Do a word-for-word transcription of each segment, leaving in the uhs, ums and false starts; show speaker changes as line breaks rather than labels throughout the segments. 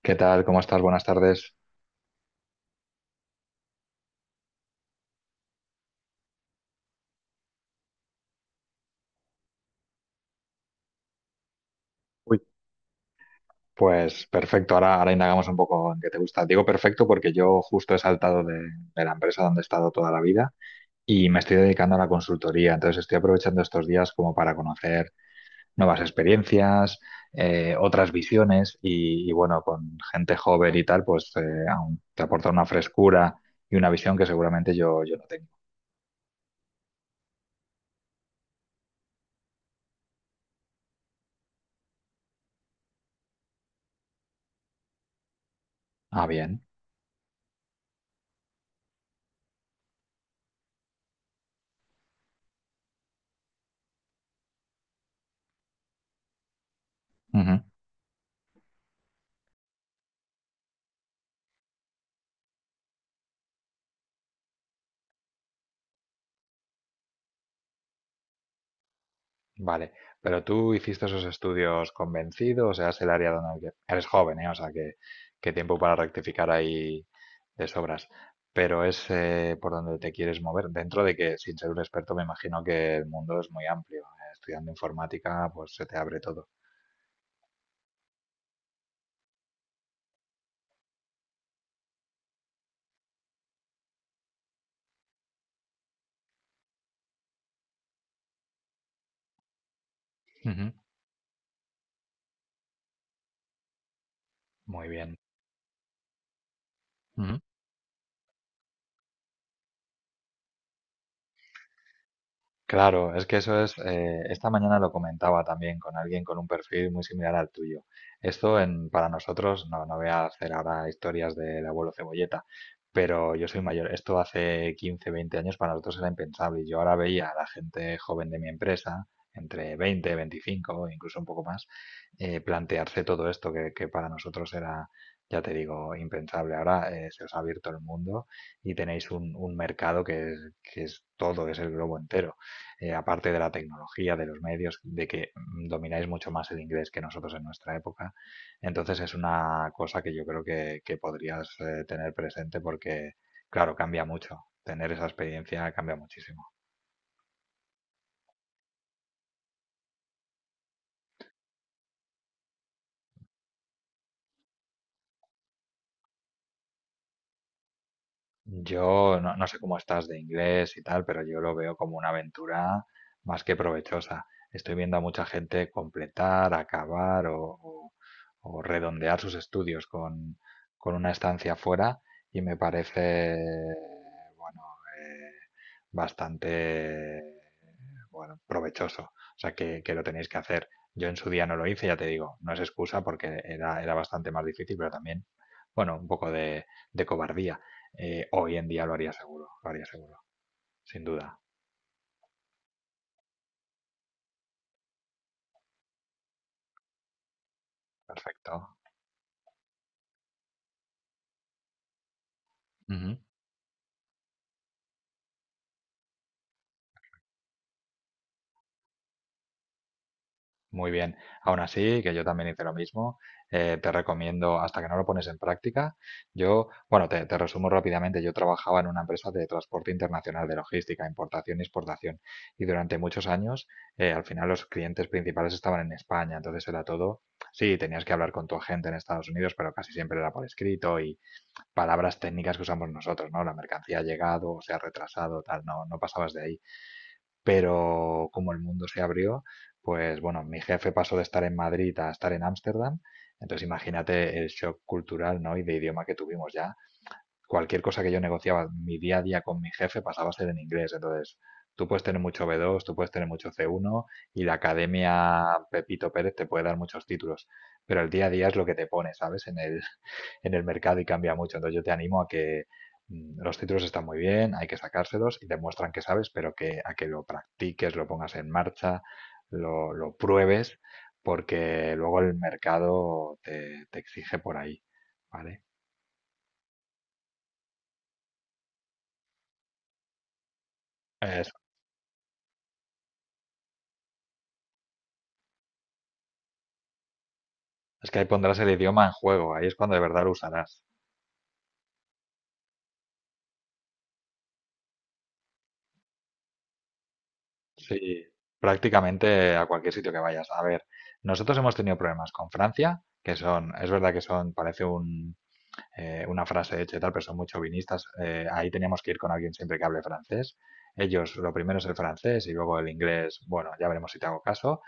¿Qué tal? ¿Cómo estás? Buenas tardes. Uy, Pues perfecto, ahora, ahora indagamos un poco en qué te gusta. Digo perfecto porque yo justo he saltado de, de la empresa donde he estado toda la vida y me estoy dedicando a la consultoría. Entonces estoy aprovechando estos días como para conocer nuevas experiencias, eh, otras visiones y, y bueno, con gente joven y tal, pues eh, aún te aporta una frescura y una visión que seguramente yo, yo no tengo. Ah, bien. Vale, pero tú hiciste esos estudios convencido, o sea, es el área donde eres joven, ¿eh? O sea, que, que tiempo para rectificar ahí de sobras. Pero es eh, por donde te quieres mover, dentro de que sin ser un experto me imagino que el mundo es muy amplio. eh, Estudiando informática, pues se te abre todo. Ujú. Muy bien. Claro, es que eso es, eh, esta mañana lo comentaba también con alguien con un perfil muy similar al tuyo. Esto en, para nosotros, no, no voy a hacer ahora historias del abuelo Cebolleta, pero yo soy mayor. Esto hace quince, veinte años para nosotros era impensable y yo ahora veía a la gente joven de mi empresa, entre veinte, veinticinco, incluso un poco más, eh, plantearse todo esto que, que para nosotros era, ya te digo, impensable. Ahora eh, se os ha abierto el mundo y tenéis un, un mercado que es, que es todo, es el globo entero eh, aparte de la tecnología, de los medios, de que mm, domináis mucho más el inglés que nosotros en nuestra época. Entonces es una cosa que yo creo que, que podrías eh, tener presente porque, claro, cambia mucho. Tener esa experiencia cambia muchísimo. Yo no, no sé cómo estás de inglés y tal, pero yo lo veo como una aventura más que provechosa. Estoy viendo a mucha gente completar, acabar o, o- o redondear sus estudios con, con una estancia fuera y me parece, bueno, eh, bastante, bueno, provechoso. O sea, que, que lo tenéis que hacer. Yo en su día no lo hice, ya te digo, no es excusa porque era, era bastante más difícil, pero también, bueno, un poco de de cobardía, eh, hoy en día lo haría seguro, lo haría seguro, sin duda. Perfecto. Ujú. Muy bien. Aún así, que yo también hice lo mismo, eh, te recomiendo, hasta que no lo pones en práctica, yo, bueno, te, te resumo rápidamente, yo trabajaba en una empresa de transporte internacional, de logística, importación y exportación, y durante muchos años, eh, al final los clientes principales estaban en España, entonces era todo, sí, tenías que hablar con tu agente en Estados Unidos, pero casi siempre era por escrito, palabras técnicas que usamos nosotros, ¿no? La mercancía ha llegado, o se ha retrasado, tal, no, no pasabas de ahí. Pero como el mundo se abrió, pues bueno, mi jefe pasó de estar en Madrid a estar en Ámsterdam, entonces imagínate el shock cultural, ¿no? Y de idioma que tuvimos ya. Cualquier cosa que yo negociaba mi día a día con mi jefe pasaba a ser en inglés, entonces tú puedes tener mucho B dos, tú puedes tener mucho C uno y la academia Pepito Pérez te puede dar muchos títulos, pero el día a día es lo que te pone, ¿sabes? En el, en el mercado y cambia mucho. Entonces yo te animo a que mm, los títulos están muy bien, hay que sacárselos y demuestran que sabes, pero que a que lo practiques, lo pongas en marcha, lo, lo pruebes, porque luego el mercado te, te exige por ahí, ¿vale? Es, es que ahí pondrás el idioma en juego, ahí es cuando de verdad lo usarás. Sí, prácticamente a cualquier sitio que vayas. A ver, nosotros hemos tenido problemas con Francia, que son, es verdad que son, parece un, eh, una frase hecha y tal, pero son muy chauvinistas. Eh, ahí teníamos que ir con alguien siempre que hable francés. Ellos, lo primero es el francés y luego el inglés, bueno, ya veremos si te hago caso.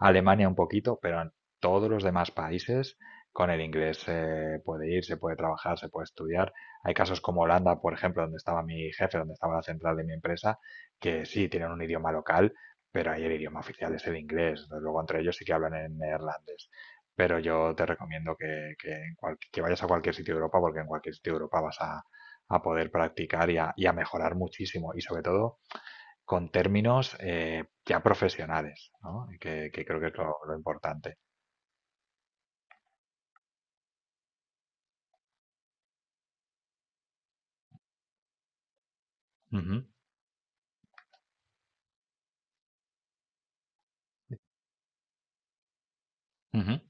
Alemania un poquito, pero en todos los demás países con el inglés se puede ir, se puede trabajar, se puede estudiar. Hay casos como Holanda, por ejemplo, donde estaba mi jefe, donde estaba la central de mi empresa, que sí tienen un idioma local, pero ahí el idioma oficial es el inglés. Luego entre ellos sí que hablan en neerlandés. Pero yo te recomiendo que, que en cual- que vayas a cualquier sitio de Europa, porque en cualquier sitio de Europa vas a, a poder practicar y a, y a mejorar muchísimo, y sobre todo con términos eh, ya profesionales, ¿no? Que, que creo que es lo, lo importante. Ujú, ujú.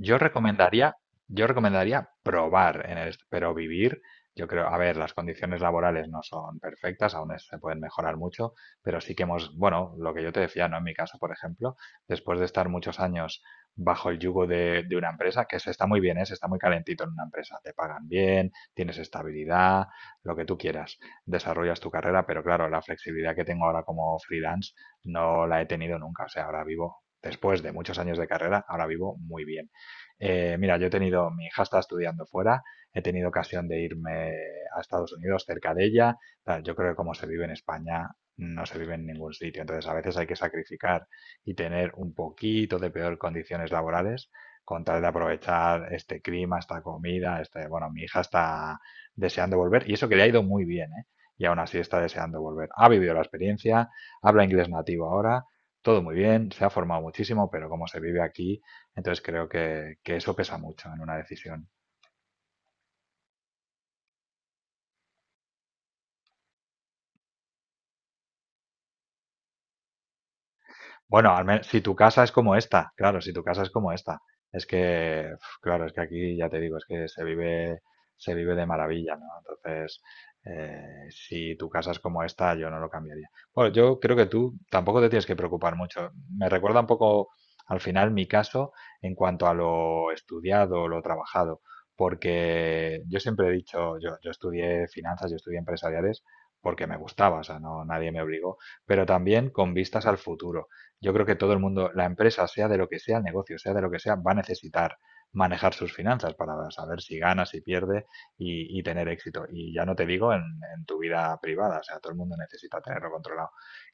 Yo recomendaría, yo recomendaría probar en el, est- pero vivir, yo creo, a ver, las condiciones laborales no son perfectas, aún es- se pueden mejorar mucho, pero sí que hemos, bueno, lo que yo te decía, ¿no? En mi caso, por ejemplo, después de estar muchos años bajo el yugo de, de una empresa, que se está muy bien, ¿eh? Se está muy calentito en una empresa, te pagan bien, tienes estabilidad, lo que tú quieras, desarrollas tu carrera, pero claro, la flexibilidad que tengo ahora como freelance no la he tenido nunca, o sea, ahora vivo después de muchos años de carrera, ahora vivo muy bien. Eh, mira, yo he tenido, mi hija está estudiando fuera, he tenido ocasión de irme a Estados Unidos cerca de ella. Tal, yo creo que como se vive en España, no se vive en ningún sitio. Entonces, a veces hay que sacrificar y tener un poquito de peor condiciones laborales con tal de aprovechar este clima, esta comida, este, bueno, mi hija está deseando volver y eso que le ha ido muy bien, ¿eh? Y aún así está deseando volver. Ha vivido la experiencia, habla inglés nativo ahora, todo muy bien, se ha formado muchísimo, pero como se vive aquí, entonces creo que, que eso pesa mucho en una decisión. Bueno, al menos si tu casa es como esta, claro, si tu casa es como esta. Es que, uf, claro, es que aquí ya te digo, es que se vive, se vive de maravilla, ¿no? Entonces, eh, si tu casa es como esta, yo no lo cambiaría. Bueno, yo creo que tú tampoco te tienes que preocupar mucho. Me recuerda un poco, al final, mi caso en cuanto a lo estudiado, lo trabajado, porque yo siempre he dicho, yo, yo estudié finanzas, yo estudié empresariales porque me gustaba, o sea, no, nadie me obligó, pero también con vistas al futuro. Yo creo que todo el mundo, la empresa, sea de lo que sea, el negocio, sea de lo que sea, va a necesitar manejar sus finanzas para saber si gana, si pierde y, y tener éxito. Y ya no te digo en, en tu vida privada, o sea, todo el mundo necesita tenerlo controlado,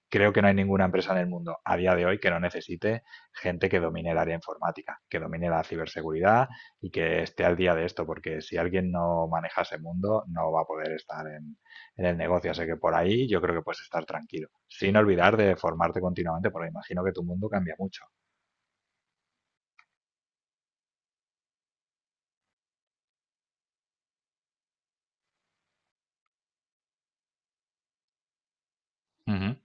creo que no hay ninguna empresa en el mundo a día de hoy que no necesite gente que domine el área informática, que domine la ciberseguridad y que esté al día de esto, porque si alguien no maneja ese mundo, no va a poder estar en, en el negocio. Así que por ahí yo creo que puedes estar tranquilo, sin olvidar de formarte continuamente, porque imagino que tu mundo cambia mucho. Ujú.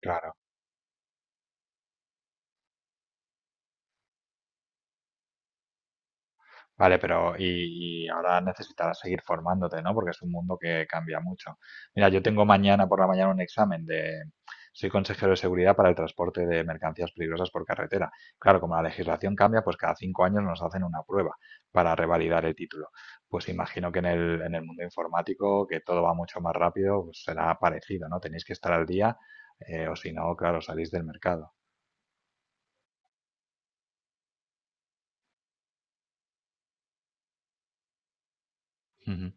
Claro. Vale, pero y, y ahora necesitarás seguir formándote, ¿no? Porque es un mundo que cambia mucho. Mira, yo tengo mañana por la mañana un examen de… Soy consejero de seguridad para el transporte de mercancías peligrosas por carretera. Claro, como la legislación cambia, pues cada cinco años nos hacen una prueba para revalidar el título. Pues imagino que en el, en el mundo informático, que todo va mucho más rápido, pues será parecido, ¿no? Tenéis que estar al día, eh, o si no, claro, salís del mercado. Ujú.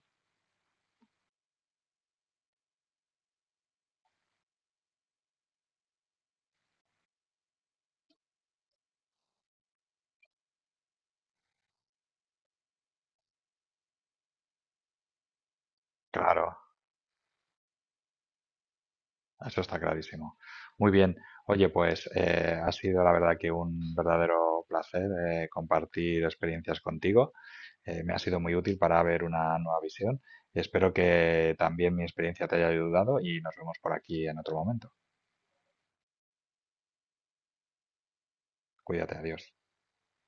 Claro. Eso está clarísimo. Muy bien. Oye, pues eh, ha sido la verdad que un verdadero placer eh, compartir experiencias contigo. Eh, me ha sido muy útil para ver una nueva visión. Espero que también mi experiencia te haya ayudado y nos vemos por aquí en otro momento. Cuídate, adiós.